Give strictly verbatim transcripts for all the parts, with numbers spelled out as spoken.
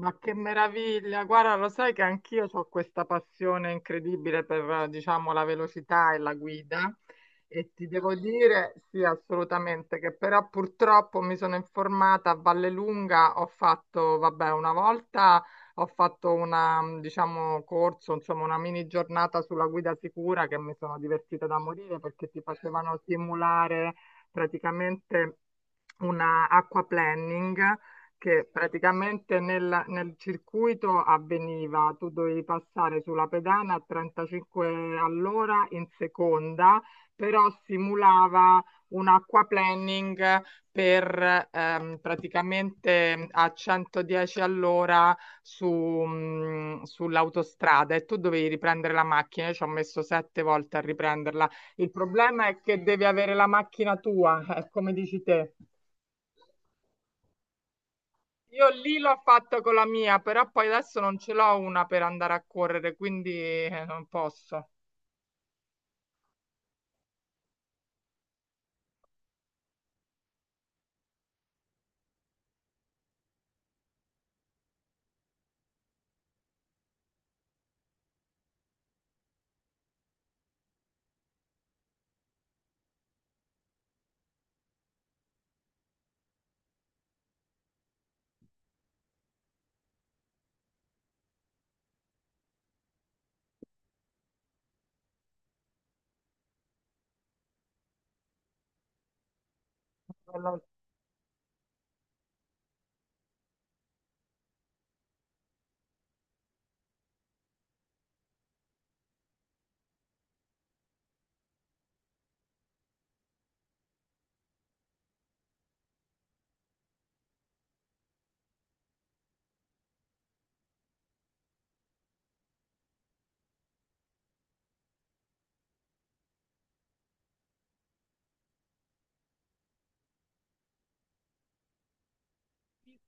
Ma che meraviglia! Guarda, lo sai che anch'io ho questa passione incredibile per, eh, diciamo, la velocità e la guida. E ti devo dire, sì, assolutamente, che però purtroppo mi sono informata a Vallelunga. Ho fatto, vabbè, una volta ho fatto una, mh, diciamo, corso, insomma, una mini giornata sulla guida sicura, che mi sono divertita da morire perché ti facevano simulare praticamente una acqua planning che praticamente nel, nel circuito avveniva. Tu dovevi passare sulla pedana a trentacinque all'ora in seconda, però simulava un aquaplaning per ehm, praticamente a centodieci all'ora su, mh, sull'autostrada, e tu dovevi riprendere la macchina. Io ci ho messo sette volte a riprenderla. Il problema è che devi avere la macchina tua, eh, come dici te. Io lì l'ho fatto con la mia, però poi adesso non ce l'ho una per andare a correre, quindi eh, non posso.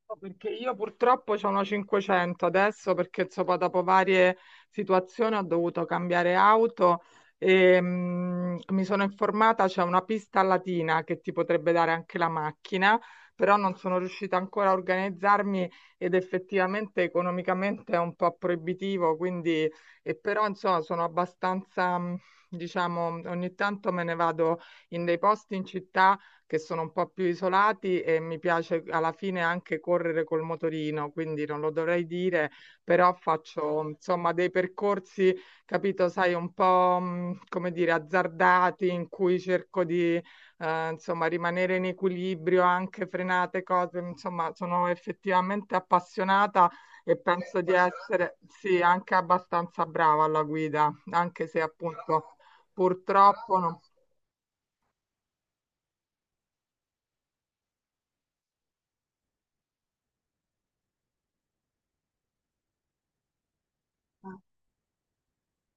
No. Perché io purtroppo c'ho una cinquecento adesso perché insomma, dopo varie situazioni ho dovuto cambiare auto. E mm, mi sono informata, c'è una pista latina che ti potrebbe dare anche la macchina, però non sono riuscita ancora a organizzarmi, ed effettivamente economicamente è un po' proibitivo, quindi. E però insomma sono abbastanza, mm, diciamo, ogni tanto me ne vado in dei posti in città che sono un po' più isolati, e mi piace alla fine anche correre col motorino, quindi non lo dovrei dire, però faccio insomma dei percorsi, capito, sai, un po', mh, come dire, azzardati, in cui cerco di eh, insomma rimanere in equilibrio, anche frenate cose, insomma, sono effettivamente appassionata, e penso di essere sì, anche abbastanza brava alla guida, anche se appunto purtroppo non...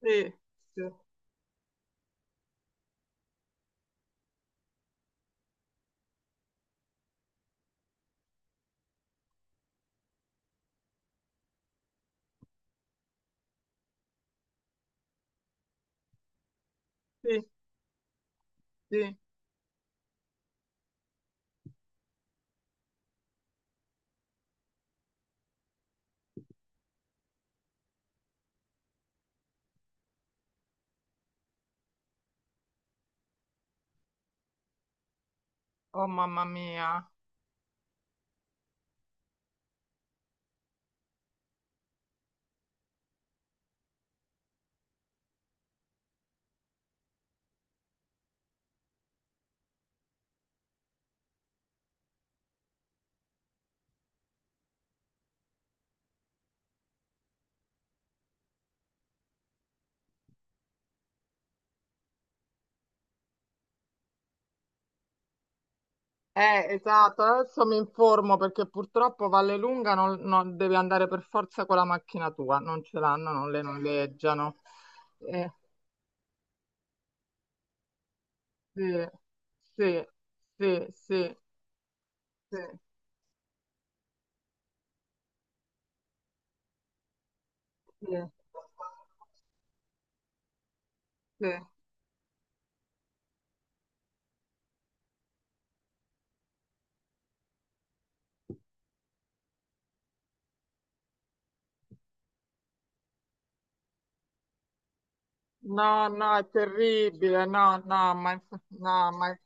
Sì, sì. Sì. Sì. Oh mamma mia. Eh, esatto, adesso mi informo perché purtroppo Vallelunga non, non- devi andare per forza con la macchina tua, non ce l'hanno, non le noleggiano. Eh, sì, sì, sì, sì, sì, sì, sì. No, no, è terribile, no, no, ma, inf- no, ma...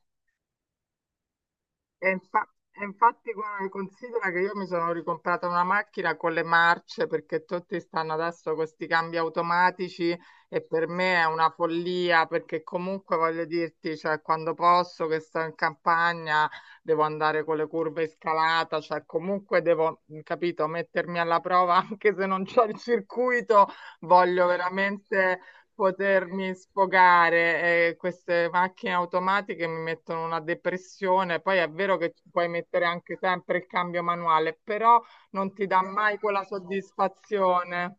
E infa- e infatti guarda, considera che io mi sono ricomprata una macchina con le marce perché tutti stanno adesso con questi cambi automatici, e per me è una follia perché comunque voglio dirti, cioè, quando posso che sto in campagna devo andare con le curve in scalata, cioè comunque devo, capito, mettermi alla prova anche se non c'ho il circuito, voglio veramente potermi sfogare. Eh, queste macchine automatiche mi mettono una depressione. Poi è vero che ci puoi mettere anche sempre il cambio manuale, però non ti dà mai quella soddisfazione.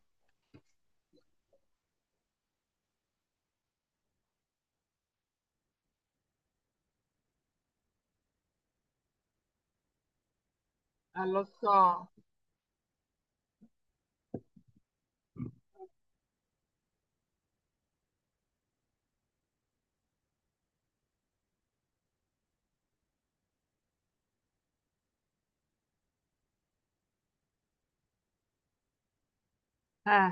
Eh, lo so. Eh.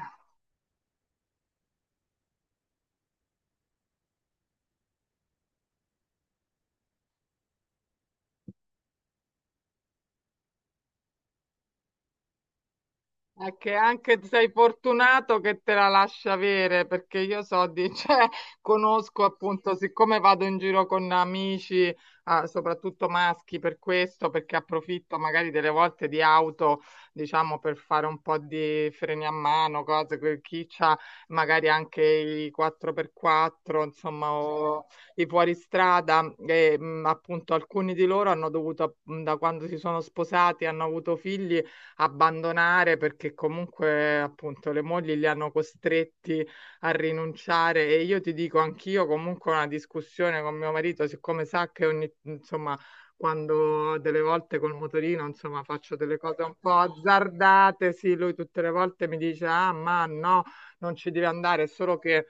È che anche sei fortunato che te la lascia avere, perché io so di, cioè, conosco appunto, siccome vado in giro con amici, ah, soprattutto maschi, per questo, perché approfitto magari delle volte di auto, diciamo, per fare un po' di freni a mano, cose, quel chi c'ha magari anche i quattro per quattro, insomma, o i fuoristrada, e, mh, appunto alcuni di loro hanno dovuto, mh, da quando si sono sposati, hanno avuto figli, abbandonare perché comunque appunto le mogli li hanno costretti a rinunciare. E io ti dico anch'io comunque ho una discussione con mio marito, siccome sa che ogni, insomma, quando delle volte col motorino, insomma, faccio delle cose un po' azzardate, sì, lui tutte le volte mi dice, ah, ma no, non ci devi andare, è solo che...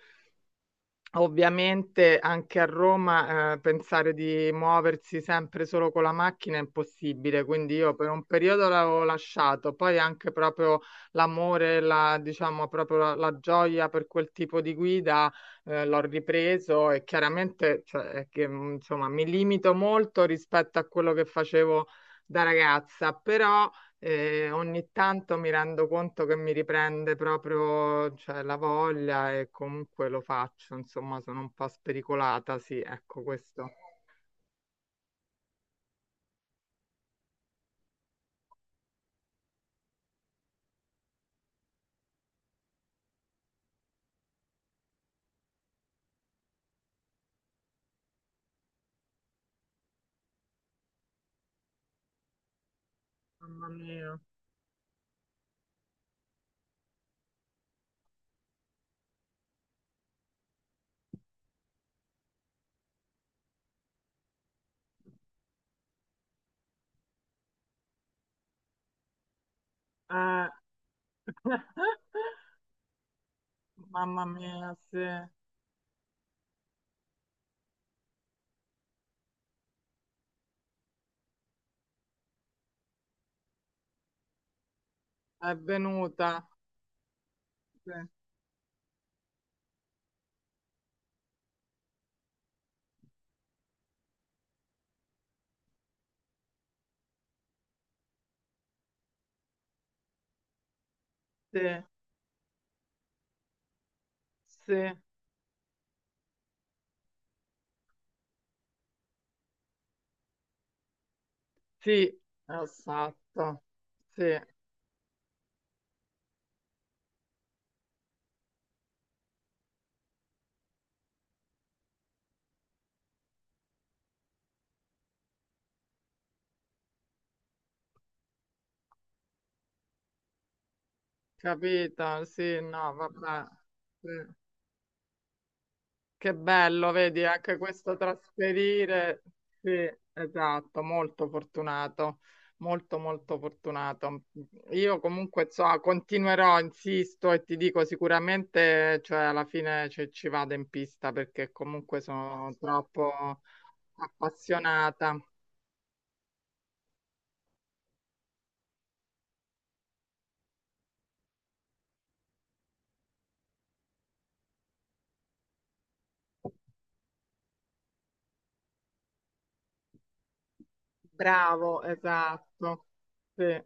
Ovviamente anche a Roma, eh, pensare di muoversi sempre solo con la macchina è impossibile, quindi io per un periodo l'avevo lasciato, poi anche proprio l'amore, la, diciamo proprio la, la gioia per quel tipo di guida, eh, l'ho ripreso, e chiaramente, cioè, è che, mh, insomma, mi limito molto rispetto a quello che facevo da ragazza, però... E ogni tanto mi rendo conto che mi riprende proprio, cioè, la voglia, e comunque lo faccio, insomma, sono un po' spericolata, sì, ecco questo. Mamma mia. Eh. Mamma mia, sì, è venuta. Sì, sì, sì, sì, esatto. Sì, capito, sì, no, vabbè. Sì. Che bello, vedi, anche questo trasferire. Sì, esatto, molto fortunato, molto molto fortunato. Io comunque so, continuerò, insisto e ti dico sicuramente, cioè alla fine ci, ci vado in pista perché comunque sono troppo appassionata. Bravo, esatto. Sì.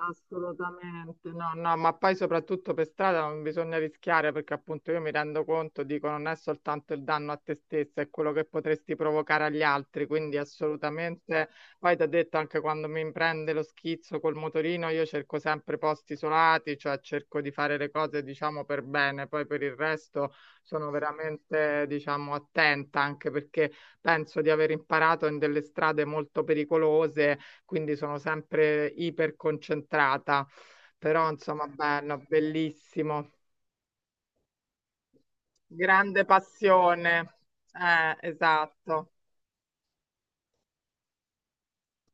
Assolutamente, no, no, ma poi soprattutto per strada non bisogna rischiare perché appunto io mi rendo conto, dico, non è soltanto il danno a te stessa, è quello che potresti provocare agli altri, quindi assolutamente, poi ti ho detto anche quando mi prende lo schizzo col motorino, io cerco sempre posti isolati, cioè cerco di fare le cose diciamo per bene, poi per il resto sono veramente diciamo attenta, anche perché penso di aver imparato in delle strade molto pericolose, quindi sono sempre iperconcentrata, però insomma bello, bellissimo, grande passione. Eh, esatto.